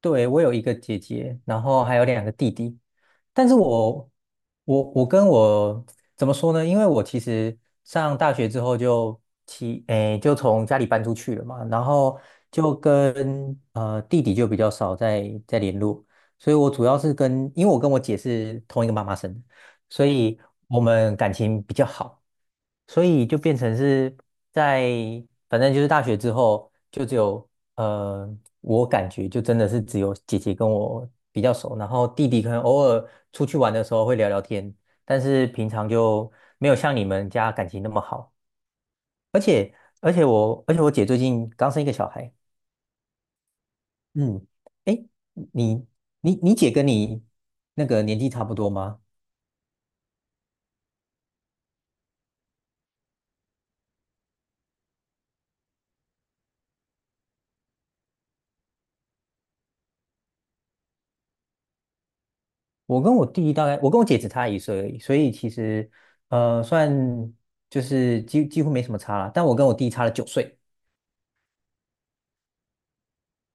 对，我有一个姐姐，然后还有两个弟弟，但是我跟我怎么说呢？因为我其实上大学之后就其诶就从家里搬出去了嘛，然后就跟弟弟就比较少在联络，所以我主要是因为我跟我姐是同一个妈妈生的，所以我们感情比较好，所以就变成是在反正就是大学之后就只有。呃，我感觉就真的是只有姐姐跟我比较熟，然后弟弟可能偶尔出去玩的时候会聊聊天，但是平常就没有像你们家感情那么好。而且，而且我姐最近刚生一个小孩。嗯，哎，你你姐跟你那个年纪差不多吗？我跟我姐只差1岁而已，所以其实算就是几乎没什么差啦，但我跟我弟差了9岁。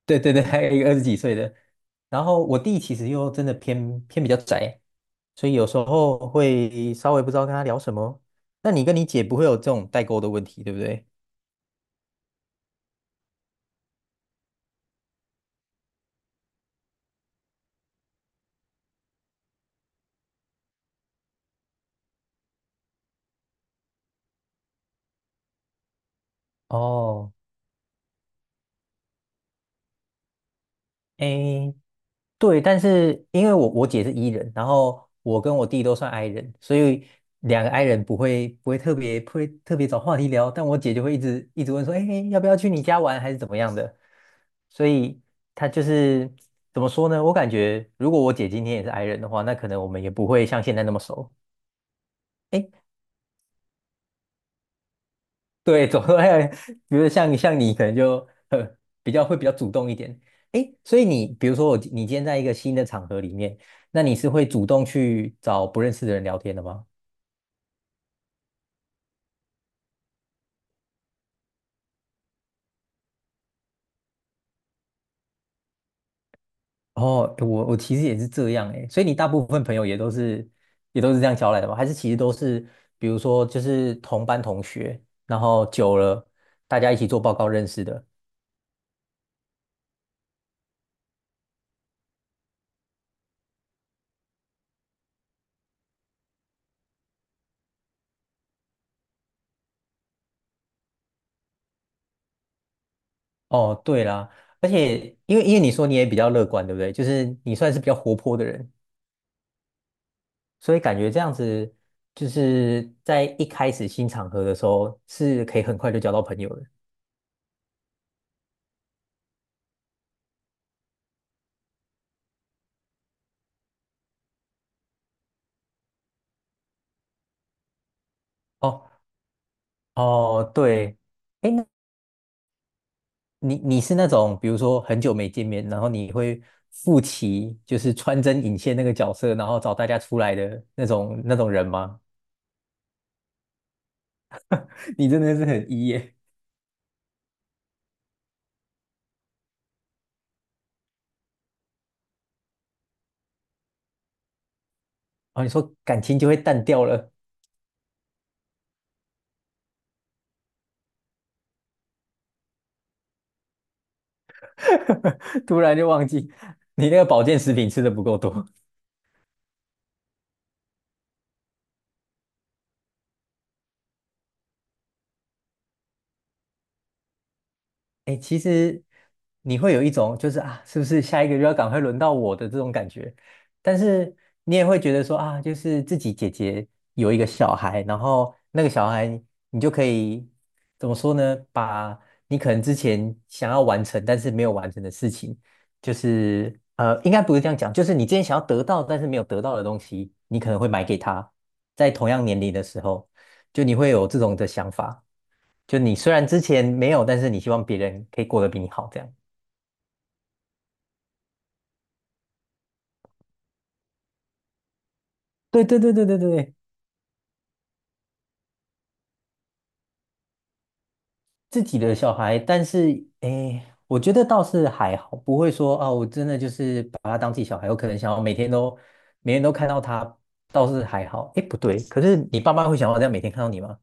对对对，还有一个20几岁的。然后我弟其实又真的偏偏比较宅，所以有时候会稍微不知道跟他聊什么。那你跟你姐不会有这种代沟的问题，对不对？哦，诶，对，但是因为我姐是 E 人，然后我跟我弟都算 I 人，所以两个 I 人不会特别找话题聊，但我姐就会一直问说，哎，要不要去你家玩，还是怎么样的？所以她就是怎么说呢？我感觉如果我姐今天也是 I 人的话，那可能我们也不会像现在那么熟。对，走路来有，比如像你可能就比较主动一点。诶，所以你比如说你今天在一个新的场合里面，那你是会主动去找不认识的人聊天的吗？哦，我其实也是这样诶，所以你大部分朋友也都是这样交来的吗？还是其实都是比如说就是同班同学，然后久了大家一起做报告认识的？哦，对啦，而且因为你说你也比较乐观，对不对？就是你算是比较活泼的人。所以感觉这样子就是在一开始新场合的时候是可以很快就交到朋友的。哦哦，对，哎，那你是那种比如说很久没见面，然后你会负起就是穿针引线那个角色，然后找大家出来的那种人吗？你真的是很 E 耶。哦，你说感情就会淡掉了。突然就忘记你那个保健食品吃的不够多。哎，其实你会有一种就是啊，是不是下一个就要赶快轮到我的这种感觉？但是你也会觉得说啊，就是自己姐姐有一个小孩，然后那个小孩你就可以怎么说呢？把你可能之前想要完成但是没有完成的事情，就是应该不是这样讲，就是你之前想要得到但是没有得到的东西，你可能会买给他，在同样年龄的时候，就你会有这种的想法。就你虽然之前没有，但是你希望别人可以过得比你好，这样。对对对对对对对自己的小孩，但是诶，我觉得倒是还好，不会说啊，我真的就是把他当自己小孩，我可能想要每天都看到他，倒是还好。诶，不对，可是你爸妈会想要这样每天看到你吗？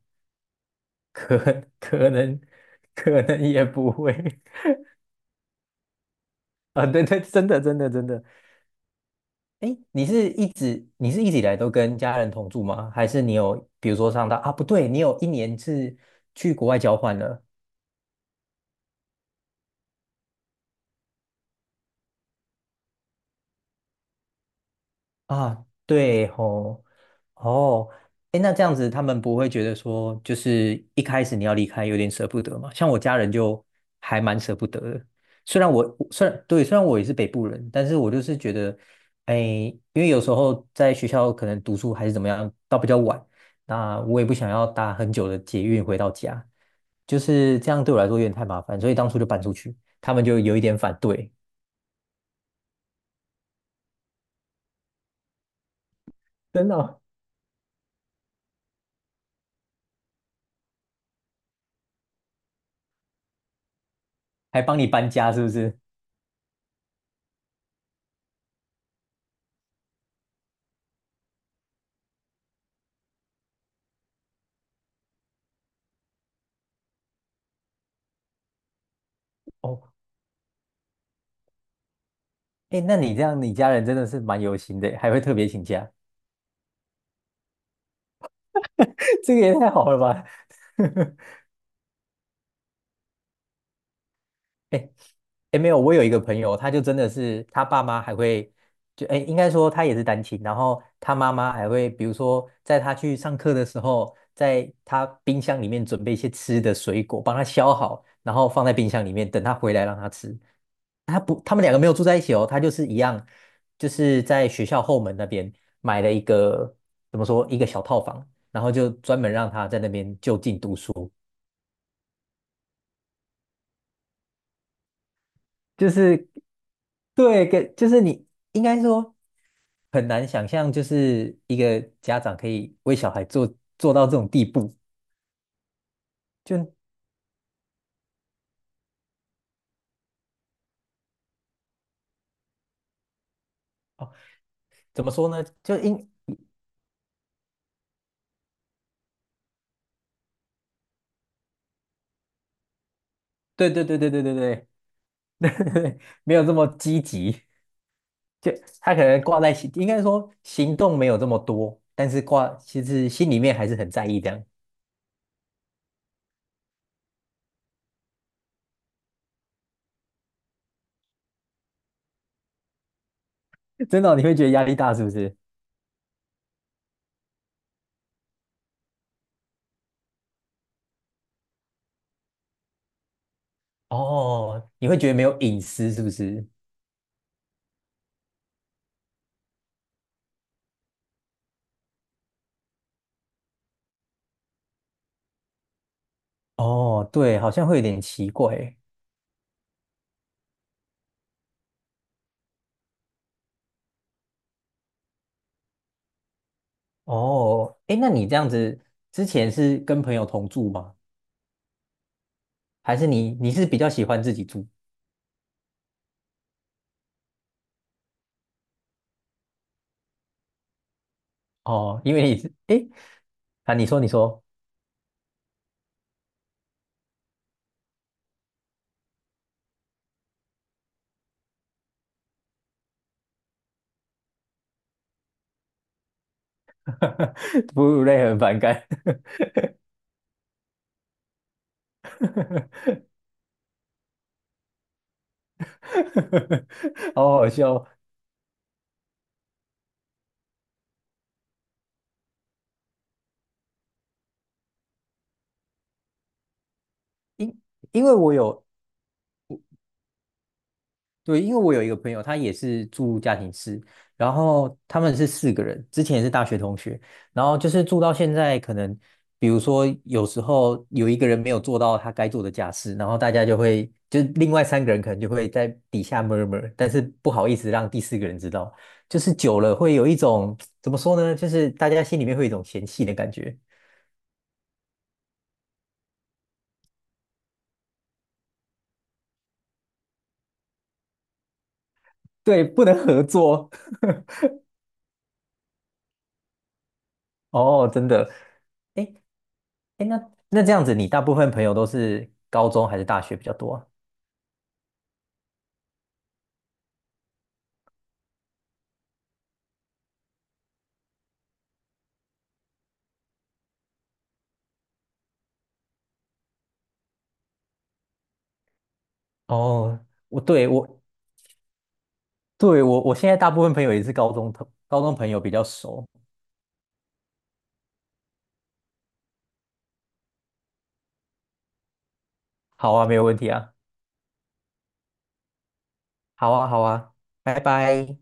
可可能可能也不会。 啊，对对，真的真的真的。哎，你是一直以来都跟家人同住吗？还是你有比如说上到啊？不对，你有一年是去国外交换了，啊，对吼。哦，哎，那这样子他们不会觉得说，就是一开始你要离开有点舍不得嘛？像我家人就还蛮舍不得的，虽然我虽然对，我也是北部人，但是我就是觉得，哎，因为有时候在学校可能读书还是怎么样，到比较晚，那我也不想要搭很久的捷运回到家，就是这样对我来说有点太麻烦，所以当初就搬出去，他们就有一点反对。真的哦。还帮你搬家是不是？哦。哎，那你这样，你家人真的是蛮有心的，还会特别请假。这个也太好了吧？哎哎，没有，我有一个朋友，他就真的是他爸妈还会，就哎，应该说他也是单亲，然后他妈妈还会，比如说在他去上课的时候，在他冰箱里面准备一些吃的水果，帮他削好，然后放在冰箱里面，等他回来让他吃。他不，他们两个没有住在一起哦，他就是一样，就是在学校后门那边买了一个，怎么说，一个小套房，然后就专门让他在那边就近读书。就是对，跟就是你应该说很难想象，就是一个家长可以为小孩做做到这种地步。就哦，怎么说呢？对对对对对对对。 对对没有这么积极，就他可能挂在心，应该说行动没有这么多，但是挂其实心里面还是很在意这样。真的哦你会觉得压力大是不是？哦，你会觉得没有隐私是不是？哦，对，好像会有点奇怪。哦，哎，那你这样子之前是跟朋友同住吗？还是你是比较喜欢自己住？哦，因为你是哎，诶啊，你说，哺乳类很反感。好好笑哦。因为我有对，因为我有一个朋友，他也是住家庭式，然后他们是四个人，之前也是大学同学，然后就是住到现在，可能比如说有时候有一个人没有做到他该做的家事，然后大家就另外三个人可能就会在底下 m u 但是不好意思让第四个人知道，就是久了会有一种，怎么说呢，就是大家心里面会有一种嫌弃的感觉，对，不能合作。哦，真的。哎哎，那这样子，你大部分朋友都是高中还是大学比较多啊？哦，我对我对我我现在大部分朋友也是高中朋友比较熟。好啊，没有问题啊。好啊，好啊，拜拜。